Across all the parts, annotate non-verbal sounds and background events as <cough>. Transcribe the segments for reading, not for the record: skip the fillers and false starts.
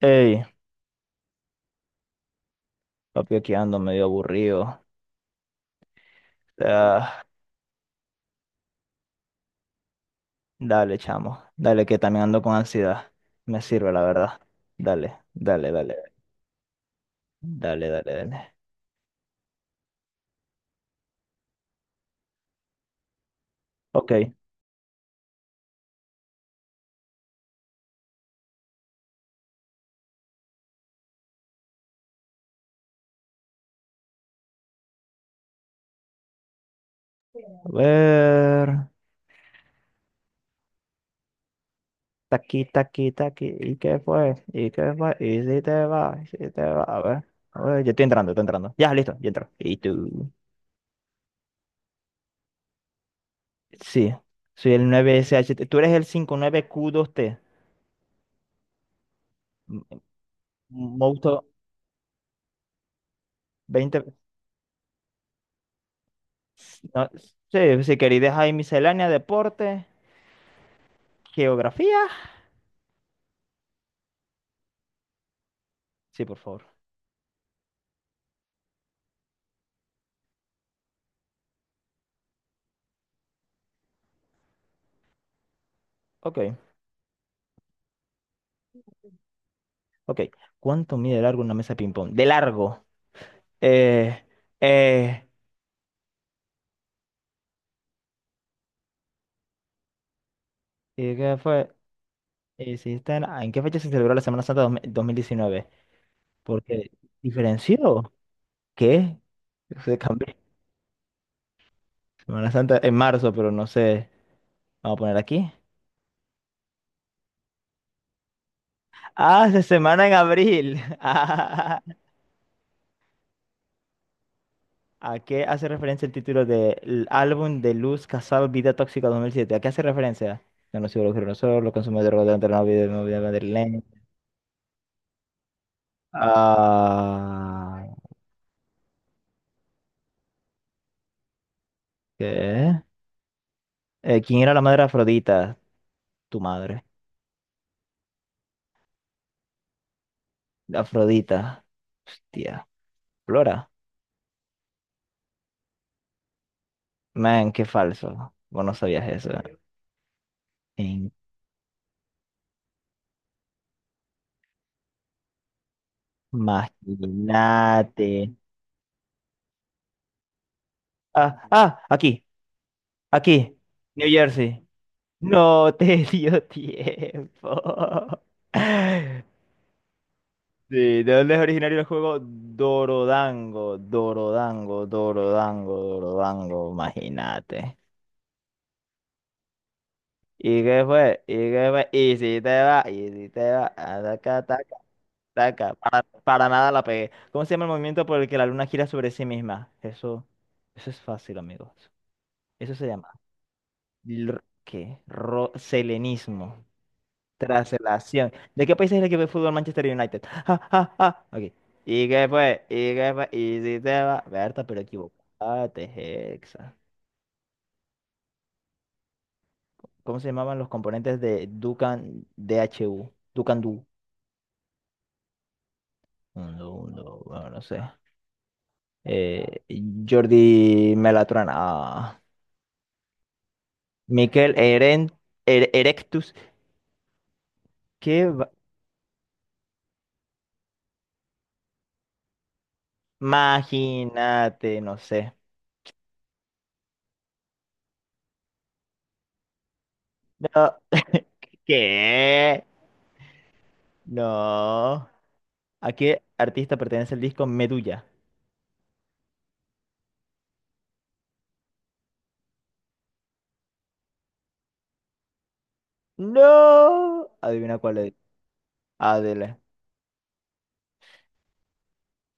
Ey, papi, aquí ando medio aburrido. Ah, dale, chamo. Dale, que también ando con ansiedad. Me sirve, la verdad. Dale, dale, dale. Dale, dale, dale. Ok, a ver. Taqui, taqui, taqui. ¿Y qué fue? ¿Y qué fue? ¿Y si te va? ¿Y si te va? A ver. A ver, yo estoy entrando, estoy entrando. Ya, listo, ya entro. ¿Y tú? Sí, soy el 9SH. Tú eres el 59Q2T. M- Moto 20. No, sí, sí, querida, ahí miscelánea, deporte. ¿Geografía? Sí, por favor. Ok, ok. ¿Cuánto mide de largo una mesa de ping-pong? De largo. Eh, eh, ¿Qué fue? Si está en, ¿en qué fecha se celebró la Semana Santa 2019? Porque diferenció. ¿Qué? Se cambió. Semana Santa en marzo, pero no sé. Vamos a poner aquí. Ah, se semana en abril. <laughs> ¿A qué hace referencia el título del álbum de Luz Casal Vida Tóxica 2007? ¿A qué hace referencia? No, no soy los nosotros, los consumidores rodeantes de la vida de movida madrileña. Ah, ¿qué? ¿Quién era la madre de Afrodita? Tu madre. Afrodita. Hostia. Flora. Man, qué falso. Vos no sabías eso. Imagínate. Ah, ah, aquí, aquí. New Jersey. No te dio tiempo. <laughs> Sí, ¿de dónde es originario el juego? Dorodango, Dorodango, Dorodango, Dorodango, imagínate. ¿Y qué fue? ¿Y qué fue? ¿Y si te va? ¿Y si te va? Ataca, ataca, ataca. Para nada la pegué. ¿Cómo se llama el movimiento por el que la luna gira sobre sí misma? Eso es fácil, amigos. Eso se llama. l- ¿Qué? Selenismo. Tras la acción. ¿De qué país es el equipo de fútbol Manchester United? Ja, ja, ja. Ok. ¿Y qué fue? ¿Y qué fue? ¿Y si te va? Berta, pero equivocate, Hexa. ¿Cómo se llamaban los componentes de Dukan D H U Dukan Du? No, no, bueno, no sé. Eh, Jordi Melatrana. Ah. Miquel Eren, Erectus. ¿Qué? Imagínate, no sé. No. <laughs> ¿Qué? No. ¿A qué artista pertenece el disco Medulla? No. Adivina cuál es. Adele.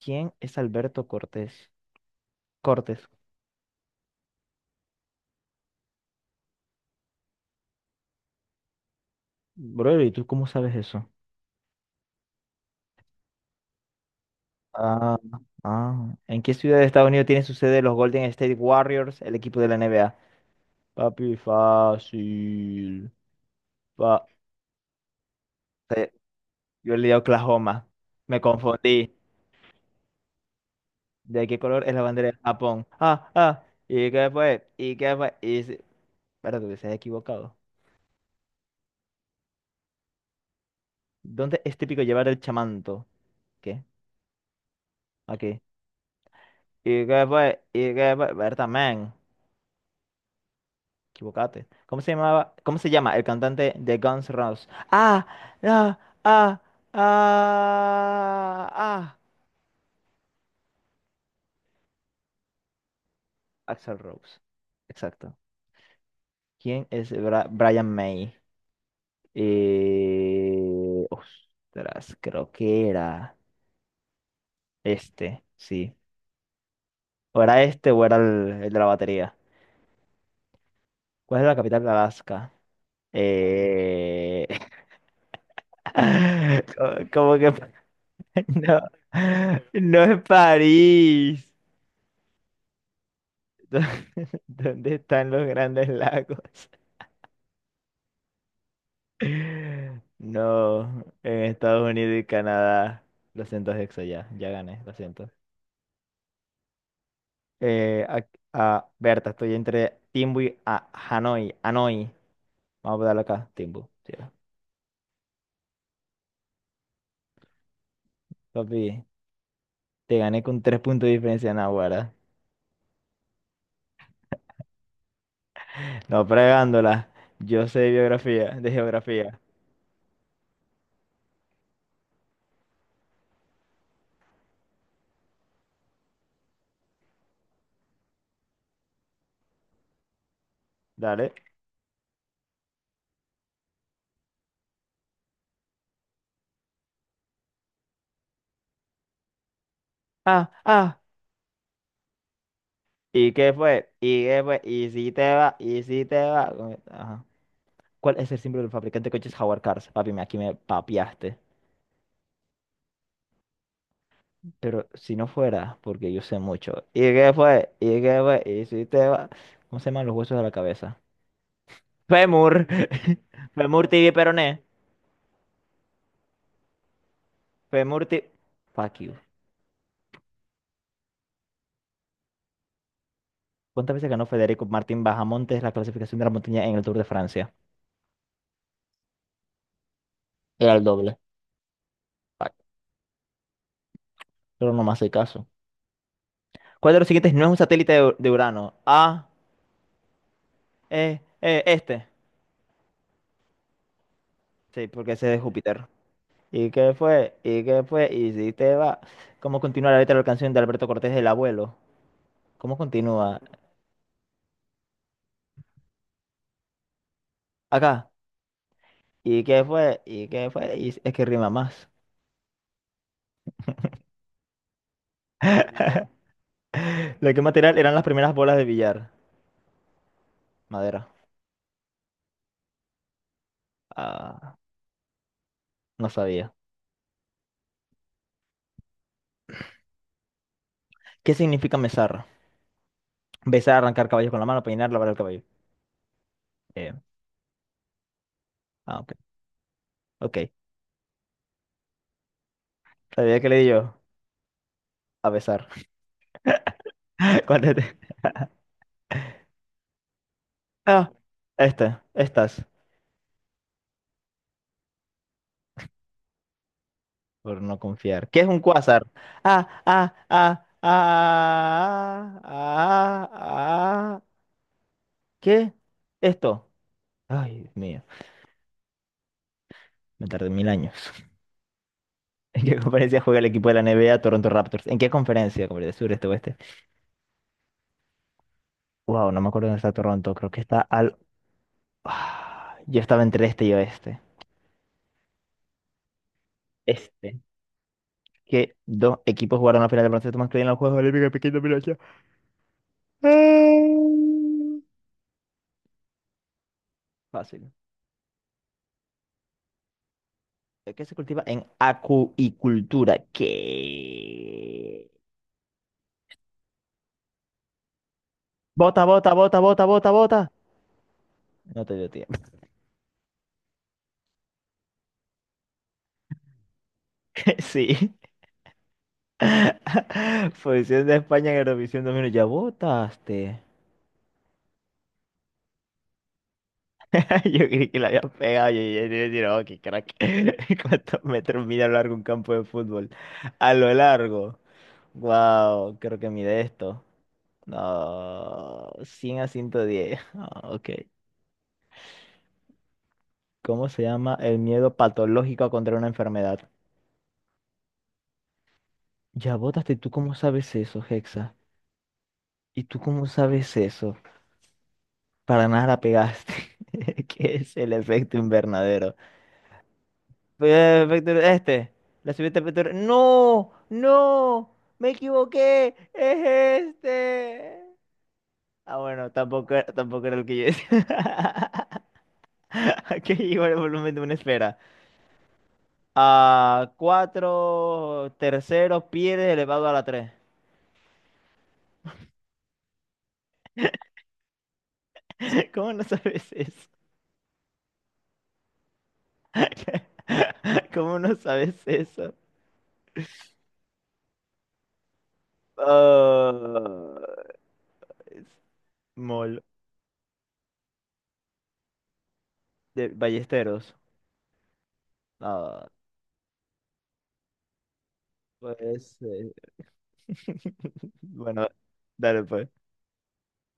¿Quién es Alberto Cortés? Cortés. Bro, ¿y tú cómo sabes eso? Ah, ah. ¿En qué ciudad de Estados Unidos tiene su sede los Golden State Warriors, el equipo de la NBA? Papi, fácil. Fa- eh, Yo leí Oklahoma. Me confundí. ¿De qué color es la bandera de Japón? Ah, ah. ¿Y qué fue? ¿Y qué fue? Espérate, que se ha equivocado. ¿Dónde es típico llevar el chamanto? ¿Qué? Aquí. Y que fue, Berta, man, equivocate. ¿Cómo se llamaba? ¿Cómo se llama el cantante de Guns N' Roses? Ah, ah, ah, ah, ah. Axl Rose. Exacto. ¿Quién es Brian May? Ostras, creo que era este, sí. O era este o era el de la batería. ¿Cuál es la capital de Alaska? Eh... <laughs> Como que <laughs> <laughs> No, no es París. ¿Dó- <laughs> ¿Dónde están los grandes lagos? <laughs> No, en Estados Unidos y Canadá. Lo siento, Hexo, ya, ya gané, lo siento. Eh, a, Berta, estoy entre Timbu y Hanoi. Hanoi. Vamos a darlo acá, Timbu. Sí. Va. Papi, te gané con 3 puntos de diferencia, Nahuara. No fregándola. Yo sé biografía, de geografía. Dale. Ah, ah. ¿Y qué fue? ¿Y qué fue? ¿Y si te va? ¿Y si te va? Como- Ajá. ¿Cuál es el símbolo del fabricante de coches Jaguar Cars? Papi, me- aquí me papiaste. Pero si no fuera, porque yo sé mucho. ¿Y qué fue? ¿Y qué fue? ¿Y si te va? ¿Cómo se llaman los huesos de la cabeza? Femur. <laughs> Femur tibia y peroné. Femur tibia... Fuck you. ¿Cuántas veces ganó Federico Martín Bajamontes la clasificación de la montaña en el Tour de Francia? Era el doble. Fuck. Pero no me hace caso. ¿Cuál de los siguientes no es un satélite de Urano? A, E, E, este. Sí, porque ese es Júpiter. ¿Y qué fue? ¿Y qué fue? ¿Y si te va? ¿Cómo continúa la letra de la canción de Alberto Cortés, El Abuelo? ¿Cómo continúa? Acá. ¿Y qué fue? ¿Y qué fue? Y es que rima más. ¿De qué material eran las primeras bolas de billar? Madera. Ah, no sabía. ¿Qué significa mesar? Besar, arrancar caballos con la mano, peinar, lavar el cabello. Eh, ah, ok. Ok. ¿Sabía qué le di yo? A besar. <laughs> ¿Cuál es? Ah, este. Estas. Por no confiar. ¿Qué es un cuásar? Ah, ah, ah, ah, ah, ah, ah. ¿Qué? ¿Esto? Ay, Dios mío. Me tardé mil años. <laughs> ¿En qué conferencia juega el equipo de la NBA Toronto Raptors? ¿En qué conferencia? ¿Como de sur, este, oeste? Wow, no me acuerdo dónde está Toronto. Creo que está al... Ah, yo estaba entre este y oeste. Este. Que dos equipos jugaron la final de baloncesto masculino en los Juegos Olímpicos de Pekín 2008. Ah. Fácil. Que se cultiva en acuicultura. ¿Qué? Bota, bota, bota, bota, bota, bota. No te dio tiempo. <laughs> Sí. <laughs> Posición de España en Eurovisión 2000. Ya votaste. <laughs> Yo creí que la había pegado. Yo ya te iba a decir, oh, qué crack. <laughs> ¿Cuántos metros mide a lo largo un campo de fútbol? A lo largo. Wow, creo que mide esto. No, 100 a 110. Ah, ok. ¿Cómo se llama el miedo patológico a contraer una enfermedad? Ya votaste, ¿tú cómo sabes eso, Hexa? ¿Y tú cómo sabes eso? Para nada la pegaste. <laughs> ¿Qué es el efecto invernadero? Efecto este. La subida de ¡No! ¡No! ¡Me equivoqué! ¡Es este! Ah, bueno, tampoco, tampoco era el que yo decía. <laughs> Que igual el volumen de una esfera. A 4 terceros pies elevado a la 3. ¿Cómo no sabes eso? <laughs> ¿Cómo no sabes eso? Ah, es Mol de Ballesteros. Ah, pues. <laughs> Bueno, dale pues.